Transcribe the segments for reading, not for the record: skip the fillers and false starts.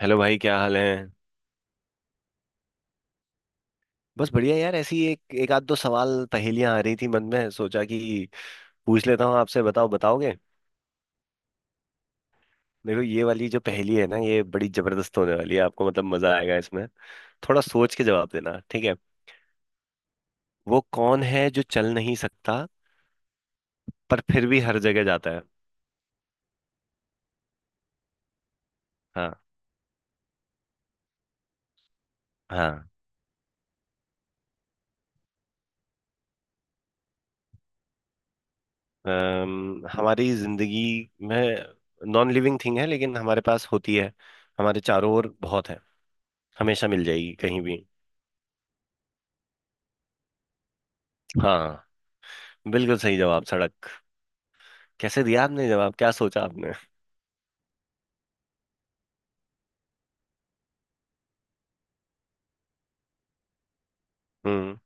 Hello भाई क्या हाल है। बस बढ़िया यार, ऐसी एक एक आध दो सवाल पहेलियां आ रही थी मन में, सोचा कि पूछ लेता हूँ आपसे। बताओ, बताओगे? देखो, ये वाली जो पहेली है ना, ये बड़ी जबरदस्त होने वाली है। आपको मतलब मजा आएगा इसमें। थोड़ा सोच के जवाब देना, ठीक है? वो कौन है जो चल नहीं सकता, पर फिर भी हर जगह जाता है? हाँ। हाँ। हमारी जिंदगी में नॉन लिविंग थिंग है, लेकिन हमारे पास होती है। हमारे चारों ओर बहुत है, हमेशा मिल जाएगी कहीं भी। हाँ, बिल्कुल सही जवाब, सड़क। कैसे दिया आपने जवाब, क्या सोचा आपने? हम्म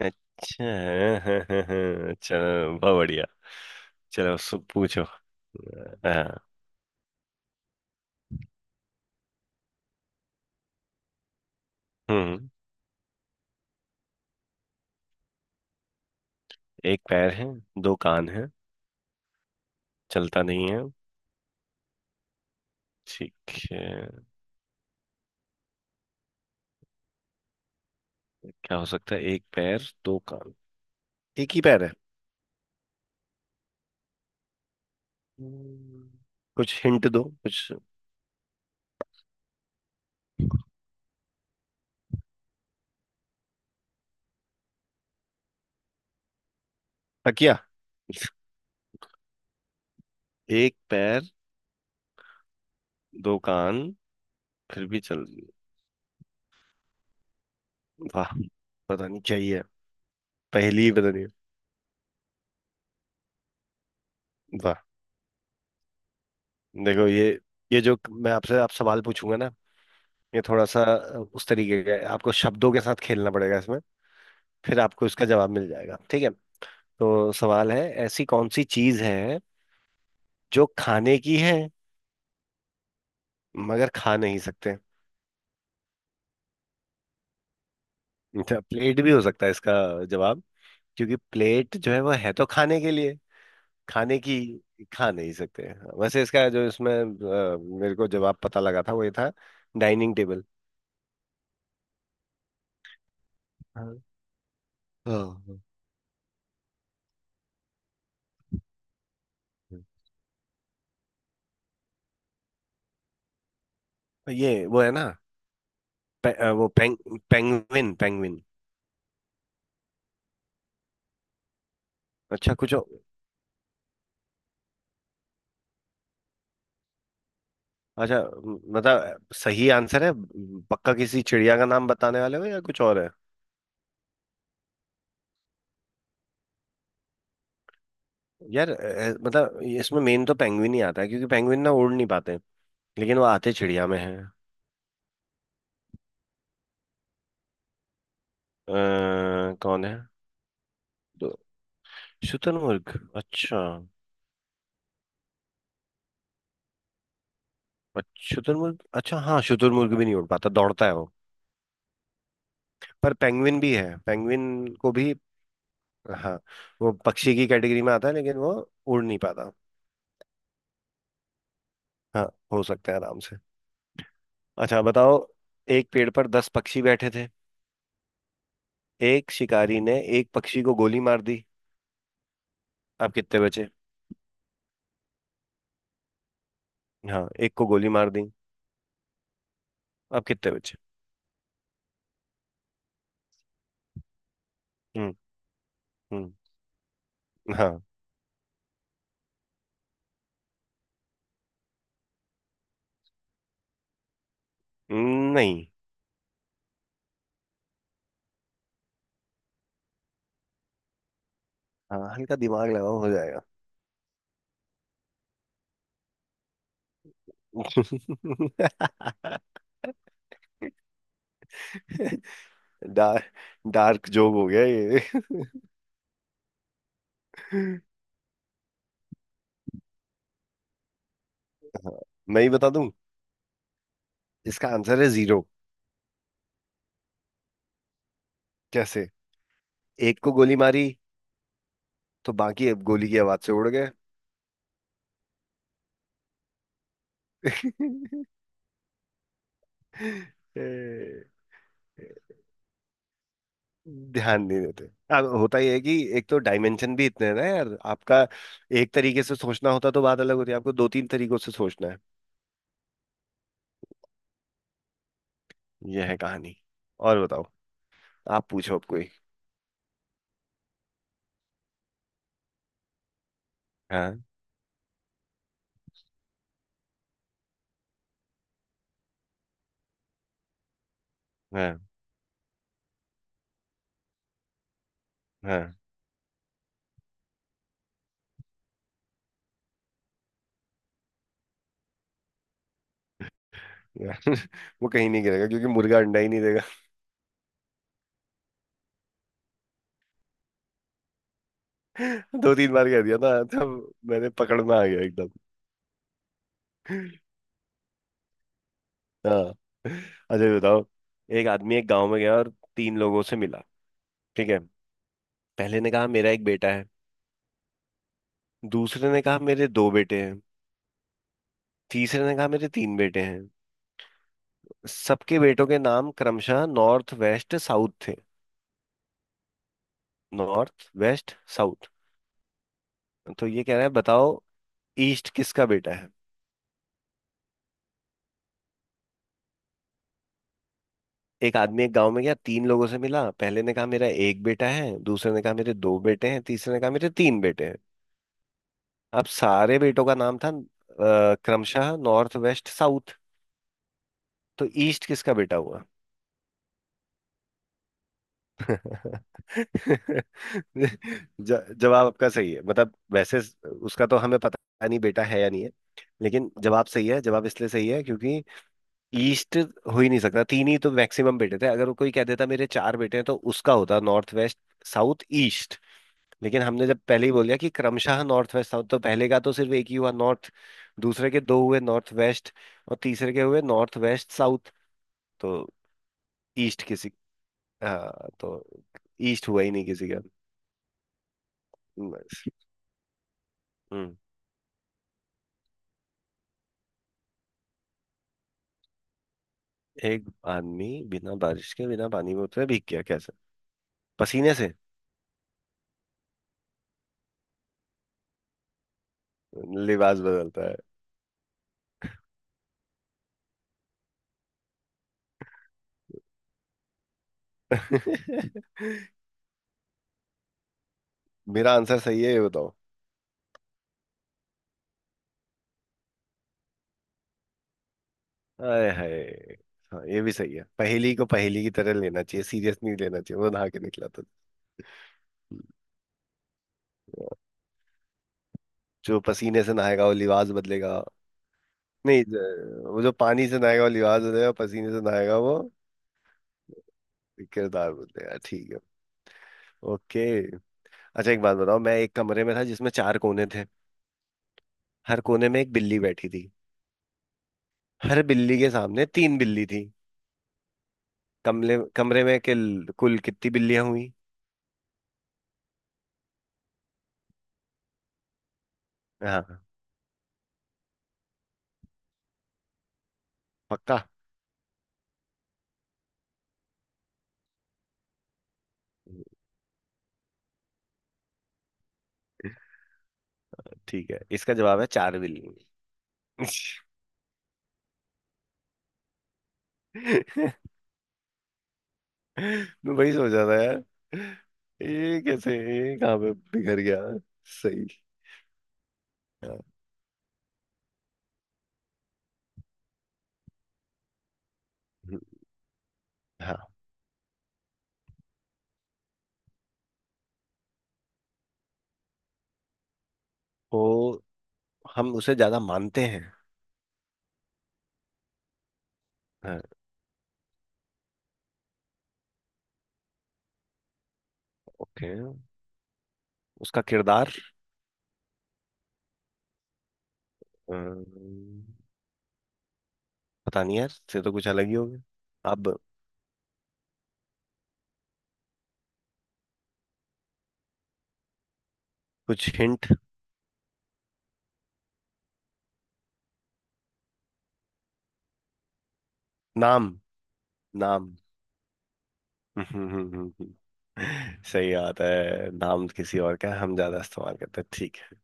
अच्छा, हाँ, हाँ, हाँ, हाँ, चलो बहुत बढ़िया। चलो, पूछो। हाँ। हम्म एक पैर है, दो कान है, चलता नहीं है, ठीक है? क्या हो सकता है, एक पैर, दो कान? एक ही पैर है। हम्म, कुछ हिंट दो कुछ। तकिया? एक पैर, दो कान, फिर भी चल। वाह, पता नहीं क्या ही है, पहेली ही पता नहीं। वाह। देखो, ये जो मैं आपसे आप सवाल पूछूंगा ना, ये थोड़ा सा उस तरीके का है। आपको शब्दों के साथ खेलना पड़ेगा इसमें, फिर आपको इसका जवाब मिल जाएगा, ठीक है? तो सवाल है, ऐसी कौन सी चीज है जो खाने की है मगर खा नहीं सकते? अच्छा, प्लेट भी हो सकता है इसका जवाब, क्योंकि प्लेट जो है वो है तो खाने के लिए। खाने की, खा नहीं सकते। वैसे इसका जो इसमें मेरे को जवाब पता लगा था, वो ये था, डाइनिंग टेबल। हाँ, हाँ, हाँ। ये वो है ना, वो पेंगविन, पेंगविन। अच्छा, कुछ। अच्छा, मतलब सही आंसर है? पक्का किसी चिड़िया का नाम बताने वाले हो या कुछ और है? यार, मतलब इसमें मेन तो पेंगुइन ही आता है, क्योंकि पेंगुइन ना उड़ नहीं पाते, लेकिन वो आते चिड़िया में हैं। कौन है? तो शुतुरमुर्ग। अच्छा। अच्छा, शुतुरमुर्ग। अच्छा, हाँ, शुतुरमुर्ग भी नहीं उड़ पाता, दौड़ता है वो। पर पेंगुइन भी है, पेंगुइन को भी। हाँ, वो पक्षी की कैटेगरी में आता है लेकिन वो उड़ नहीं पाता। हाँ, हो सकता है आराम से। अच्छा बताओ, एक पेड़ पर दस पक्षी बैठे थे। एक शिकारी ने एक पक्षी को गोली मार दी, अब कितने बचे? हाँ, एक को गोली मार दी, अब कितने बचे? हम्म। हम्म। हाँ। नहीं। हाँ, हल्का दिमाग लगाओ हो जाएगा। डार्क, डार्क जोक हो गया ये। हाँ, मैं ही बता दूं। इसका आंसर है जीरो। कैसे? एक को गोली मारी, तो बाकी अब गोली की आवाज से उड़ गए। ए, ध्यान नहीं देते। अब होता ही है, कि एक तो डायमेंशन भी इतने हैं ना यार आपका। एक तरीके से सोचना होता तो बात अलग होती है, आपको दो तीन तरीकों से सोचना है। यह है कहानी। और बताओ, आप पूछो अब कोई। हाँ। हाँ। हाँ। यार, वो कहीं नहीं गिरेगा, क्योंकि मुर्गा अंडा ही नहीं देगा। दो तीन बार कह दिया ना, तब मैंने पकड़ में आ गया एकदम। हाँ। अच्छा ये बताओ, एक आदमी एक गांव में गया और तीन लोगों से मिला, ठीक है? पहले ने कहा मेरा एक बेटा है, दूसरे ने कहा मेरे दो बेटे हैं, तीसरे ने कहा मेरे तीन बेटे हैं। सबके बेटों के नाम क्रमशः नॉर्थ, वेस्ट, साउथ थे। North, west, south. तो ये कह रहा है, बताओ ईस्ट किसका बेटा है? एक आदमी एक गांव में गया, तीन लोगों से मिला। पहले ने कहा मेरा एक बेटा है, दूसरे ने कहा मेरे दो बेटे हैं, तीसरे ने कहा मेरे तीन बेटे हैं। अब सारे बेटों का नाम था क्रमशः नॉर्थ, वेस्ट, साउथ। तो ईस्ट किसका बेटा हुआ? जवाब आपका सही है, मतलब वैसे उसका तो हमें पता नहीं बेटा है या नहीं है, लेकिन जवाब सही है। जवाब इसलिए सही है क्योंकि ईस्ट हो ही नहीं सकता, तीन ही तो मैक्सिमम बेटे थे। अगर कोई कह देता मेरे चार बेटे हैं, तो उसका होता नॉर्थ, वेस्ट, साउथ, ईस्ट। लेकिन हमने जब पहले ही बोल दिया कि क्रमशः नॉर्थ, वेस्ट, साउथ, तो पहले का तो सिर्फ एक ही हुआ, नॉर्थ। दूसरे के दो हुए, नॉर्थ, वेस्ट। और तीसरे के हुए नॉर्थ, वेस्ट, साउथ। तो ईस्ट किसी, हाँ तो ईस्ट हुआ ही नहीं किसी का। बस। हम्म। एक आदमी बिना बारिश के बिना पानी के उतरे भीग गया, कैसे? पसीने से। लिबास बदलता है। मेरा आंसर सही है ये बताओ? आए हाय। हाँ ये भी सही है, पहेली को पहेली की तरह लेना चाहिए, सीरियस नहीं लेना चाहिए, वो नहा के निकला था। हम्म। जो पसीने से नहाएगा वो लिबास बदलेगा। नहीं, वो जो पानी से नहाएगा वो लिबास बदलेगा, पसीने से नहाएगा वो किरदार बदलेगा, ठीक है? ओके। अच्छा एक बात बताओ, मैं एक कमरे में था जिसमें चार कोने थे। हर कोने में एक बिल्ली बैठी थी। हर बिल्ली के सामने तीन बिल्ली थी। कमरे कमरे में कुल कितनी बिल्लियां हुई? हाँ, हाँ, पक्का? ठीक है, इसका जवाब है चार बिल्ली। मैं वही सोच रहा था यार, ये कैसे, ये कहाँ पे बिखर गया। सही। हम्म, हाँ तो हम उसे ज्यादा मानते हैं। हाँ। ओके, उसका किरदार। अम, पता नहीं यार, से तो कुछ अलग ही हो गया अब। कुछ हिंट? नाम। नाम। सही बात है, नाम किसी और का है, हम ज्यादा इस्तेमाल करते हैं, ठीक है।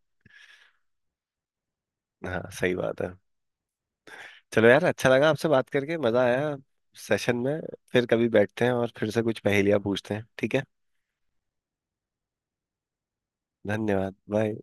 हाँ सही बात है। चलो यार, अच्छा लगा आपसे बात करके, मजा आया सेशन में। फिर कभी बैठते हैं और फिर से कुछ पहेलियां पूछते हैं, ठीक है? धन्यवाद, बाय।